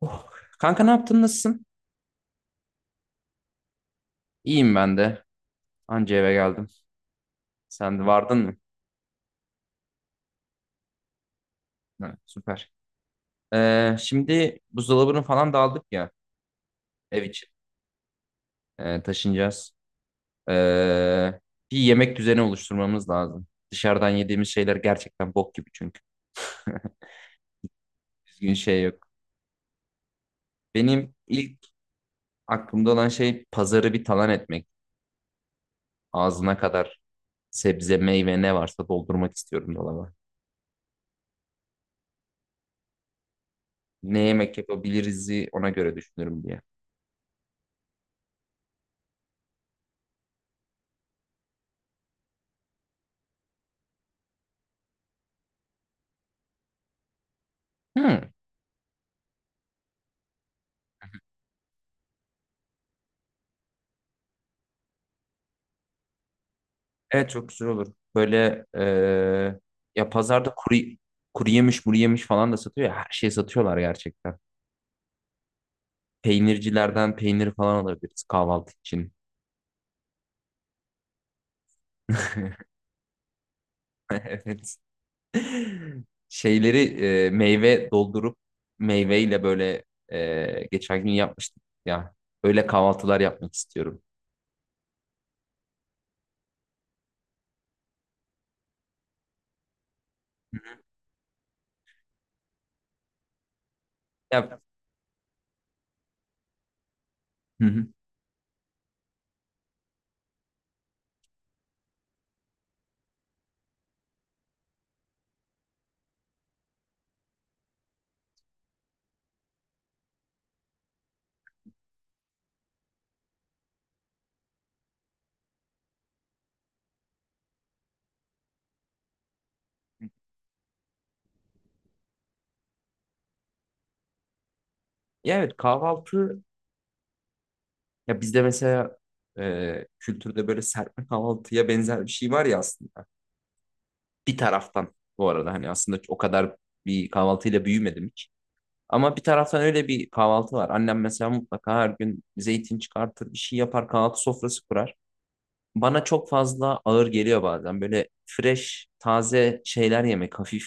Oh. Kanka ne yaptın? Nasılsın? İyiyim ben de. Anca eve geldim. Sen de vardın mı? Ha, süper. Şimdi buzdolabını falan da aldık ya ev için. Taşınacağız. Ee, bir yemek düzeni oluşturmamız lazım. Dışarıdan yediğimiz şeyler gerçekten bok gibi çünkü. Düzgün şey yok. Benim ilk aklımda olan şey pazarı bir talan etmek. Ağzına kadar sebze, meyve ne varsa doldurmak istiyorum dolaba. Ne yemek yapabiliriz ona göre düşünürüm diye. Hmm. Evet çok güzel olur. Böyle ya pazarda kuru yemiş, muru yemiş falan da satıyor ya. Her şeyi satıyorlar gerçekten. Peynircilerden peynir falan alabiliriz kahvaltı için. Evet. Şeyleri meyve doldurup meyveyle böyle geçen gün yapmıştık ya. Öyle kahvaltılar yapmak istiyorum. Ya, hı hı. Ya evet kahvaltı ya bizde mesela kültürde böyle serpme kahvaltıya benzer bir şey var ya aslında. Bir taraftan bu arada hani aslında o kadar bir kahvaltıyla büyümedim hiç. Ama bir taraftan öyle bir kahvaltı var. Annem mesela mutlaka her gün zeytin çıkartır, bir şey yapar, kahvaltı sofrası kurar. Bana çok fazla ağır geliyor bazen. Böyle fresh, taze şeyler yemek hafif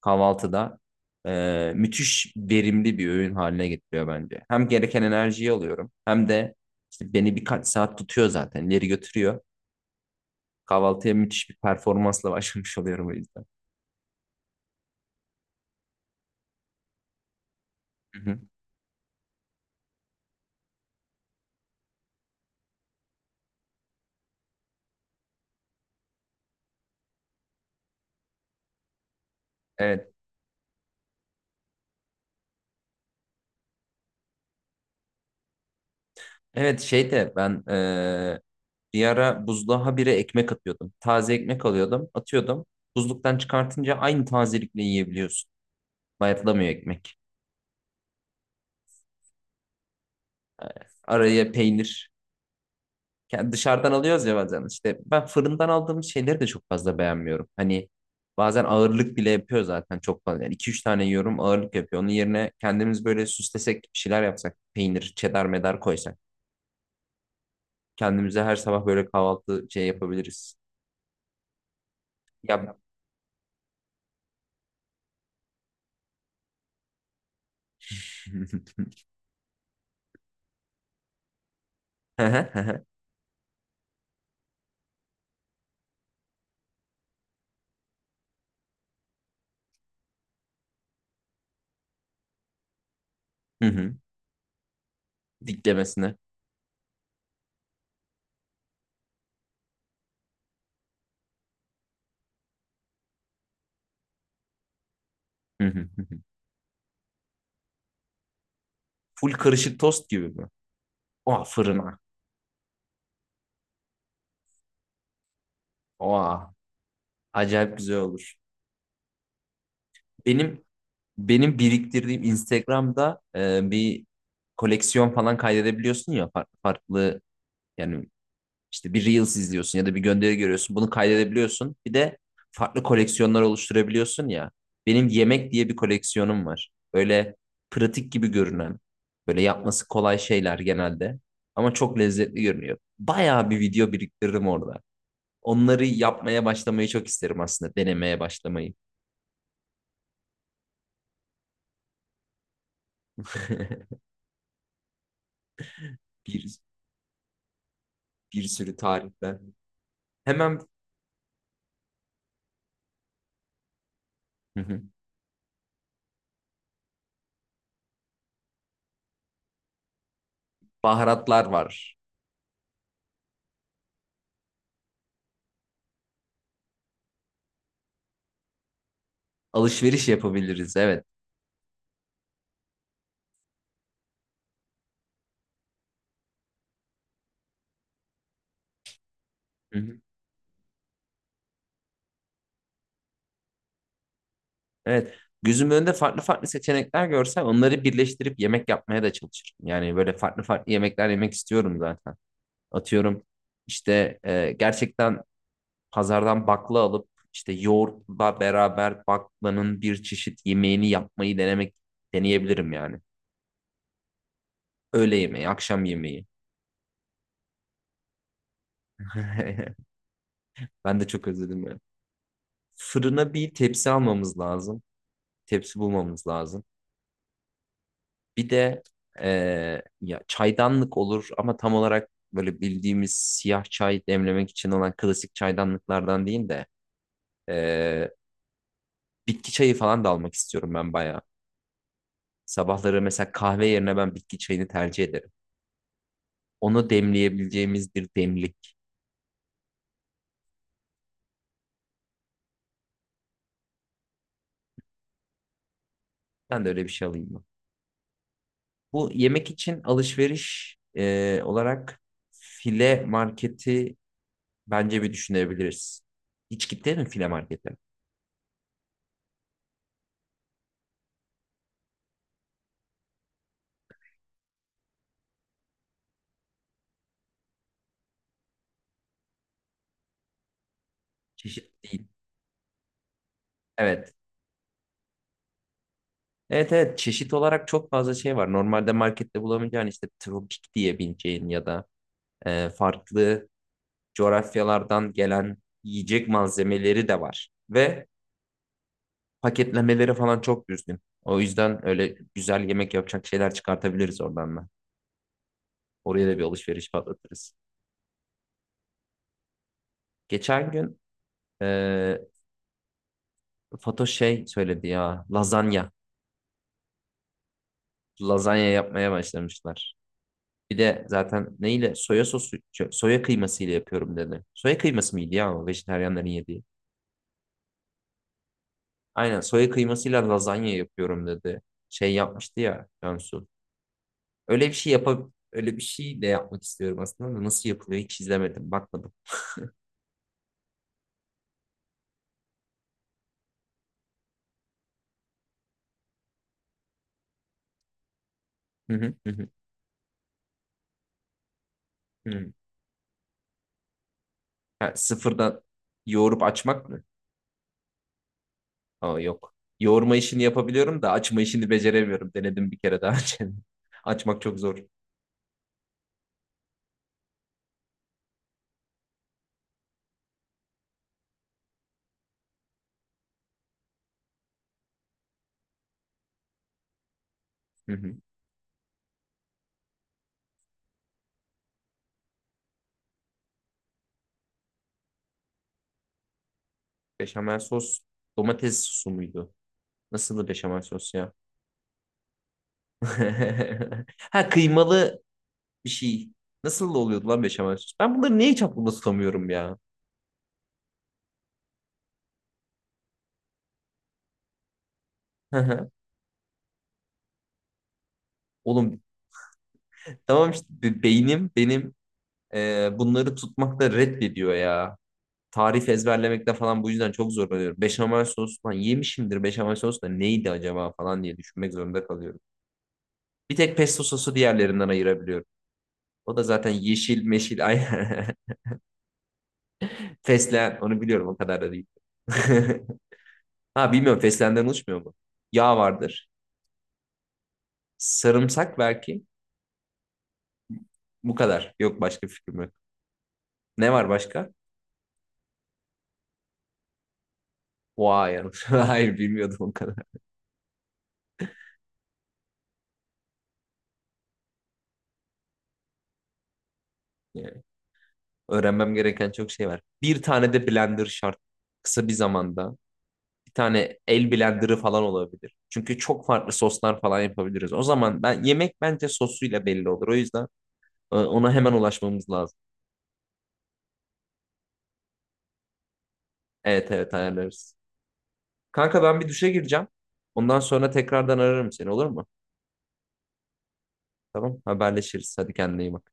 kahvaltıda müthiş verimli bir öğün haline getiriyor bence. Hem gereken enerjiyi alıyorum hem de işte beni birkaç saat tutuyor zaten ileri götürüyor. Kahvaltıya müthiş bir performansla başlamış oluyorum o yüzden. Hı hı. Evet. Evet şey de ben bir ara buzluğa bire ekmek atıyordum. Taze ekmek alıyordum, atıyordum. Buzluktan çıkartınca aynı tazelikle yiyebiliyorsun. Bayatlamıyor ekmek. Araya peynir. Yani dışarıdan alıyoruz ya bazen. İşte ben fırından aldığım şeyleri de çok fazla beğenmiyorum. Hani bazen ağırlık bile yapıyor zaten çok fazla. Yani 2-3 tane yiyorum ağırlık yapıyor. Onun yerine kendimiz böyle süslesek bir şeyler yapsak. Peynir, çedar medar koysak. Kendimize her sabah böyle kahvaltı şey yapabiliriz. Ya... Hı hı. Hı hı. Hı hı. Diklemesine. Hı hı hı hı. Full karışık tost gibi mi? Oha fırına. Oha acayip güzel olur. Benim benim biriktirdiğim Instagram'da bir koleksiyon falan kaydedebiliyorsun ya farklı yani. İşte bir Reels izliyorsun ya da bir gönderi görüyorsun. Bunu kaydedebiliyorsun. Bir de farklı koleksiyonlar oluşturabiliyorsun ya. Benim yemek diye bir koleksiyonum var. Böyle pratik gibi görünen, böyle yapması kolay şeyler genelde. Ama çok lezzetli görünüyor. Bayağı bir video biriktiririm orada. Onları yapmaya başlamayı çok isterim aslında. Denemeye başlamayı. Bir, bir sürü tariften. Hemen. Hı hı. Baharatlar var. Alışveriş yapabiliriz, evet. Hı. Evet. Gözümün önünde farklı farklı seçenekler görsem onları birleştirip yemek yapmaya da çalışırım. Yani böyle farklı farklı yemekler yemek istiyorum zaten. Atıyorum işte gerçekten pazardan bakla alıp işte yoğurtla beraber baklanın bir çeşit yemeğini yapmayı denemek deneyebilirim yani. Öğle yemeği, akşam yemeği. Ben de çok özledim ya. Fırına bir tepsi almamız lazım. Tepsi bulmamız lazım. Bir de ya çaydanlık olur ama tam olarak böyle bildiğimiz siyah çay demlemek için olan klasik çaydanlıklardan değil de eee, bitki çayı falan da almak istiyorum ben bayağı. Sabahları mesela kahve yerine ben bitki çayını tercih ederim. Onu demleyebileceğimiz bir demlik. Ben de öyle bir şey alayım mı? Bu yemek için alışveriş olarak file marketi bence bir düşünebiliriz. Hiç gittin mi file markete? Çeşit değil. Evet. Evet evet çeşit olarak çok fazla şey var. Normalde markette bulamayacağın işte tropik diyebileceğin ya da farklı coğrafyalardan gelen yiyecek malzemeleri de var. Ve paketlemeleri falan çok düzgün. O yüzden öyle güzel yemek yapacak şeyler çıkartabiliriz oradan da. Oraya da bir alışveriş patlatırız. Geçen gün e, Fatoş şey söyledi ya lazanya. Lazanya yapmaya başlamışlar. Bir de zaten neyle? Soya sosu, soya kıymasıyla yapıyorum dedi. Soya kıyması mıydı ya o vejetaryenlerin yediği? Aynen soya kıymasıyla lazanya yapıyorum dedi. Şey yapmıştı ya Cansu. Öyle bir şey de yapmak istiyorum aslında da nasıl yapılıyor hiç izlemedim, bakmadım. Hı hı hı hı. Hı. Ha, sıfırdan yoğurup açmak mı? Aa, yok. Yoğurma işini yapabiliyorum da açma işini beceremiyorum. Denedim bir kere daha önce. Açmak çok zor. Hı hı. Beşamel sos, domates sosu muydu? Nasıldı beşamel sos ya? Ha kıymalı bir şey. Nasıl oluyordu lan beşamel sos? Ben bunları niye hiç aklımda tutamıyorum ya? Oğlum tamam işte beynim benim bunları tutmakta reddediyor ya. Tarif ezberlemekte falan bu yüzden çok zorlanıyorum. Beşamel sos falan yemişimdir beşamel sos da neydi acaba falan diye düşünmek zorunda kalıyorum. Bir tek pesto sosu diğerlerinden ayırabiliyorum. O da zaten yeşil meşil ay fesleğen onu biliyorum o kadar da değil. Ha bilmiyorum fesleğenden oluşmuyor mu? Yağ vardır. Sarımsak belki. Bu kadar. Yok başka fikrim yok. Ne var başka? Vay yanlış. Hayır bilmiyordum o kadar. Yani öğrenmem gereken çok şey var. Bir tane de blender şart. Kısa bir zamanda. Bir tane el blenderı falan olabilir. Çünkü çok farklı soslar falan yapabiliriz. O zaman ben yemek bence sosuyla belli olur. O yüzden ona hemen ulaşmamız lazım. Evet evet ayarlarız. Kanka ben bir duşa gireceğim. Ondan sonra tekrardan ararım seni olur mu? Tamam haberleşiriz. Hadi kendine iyi bak.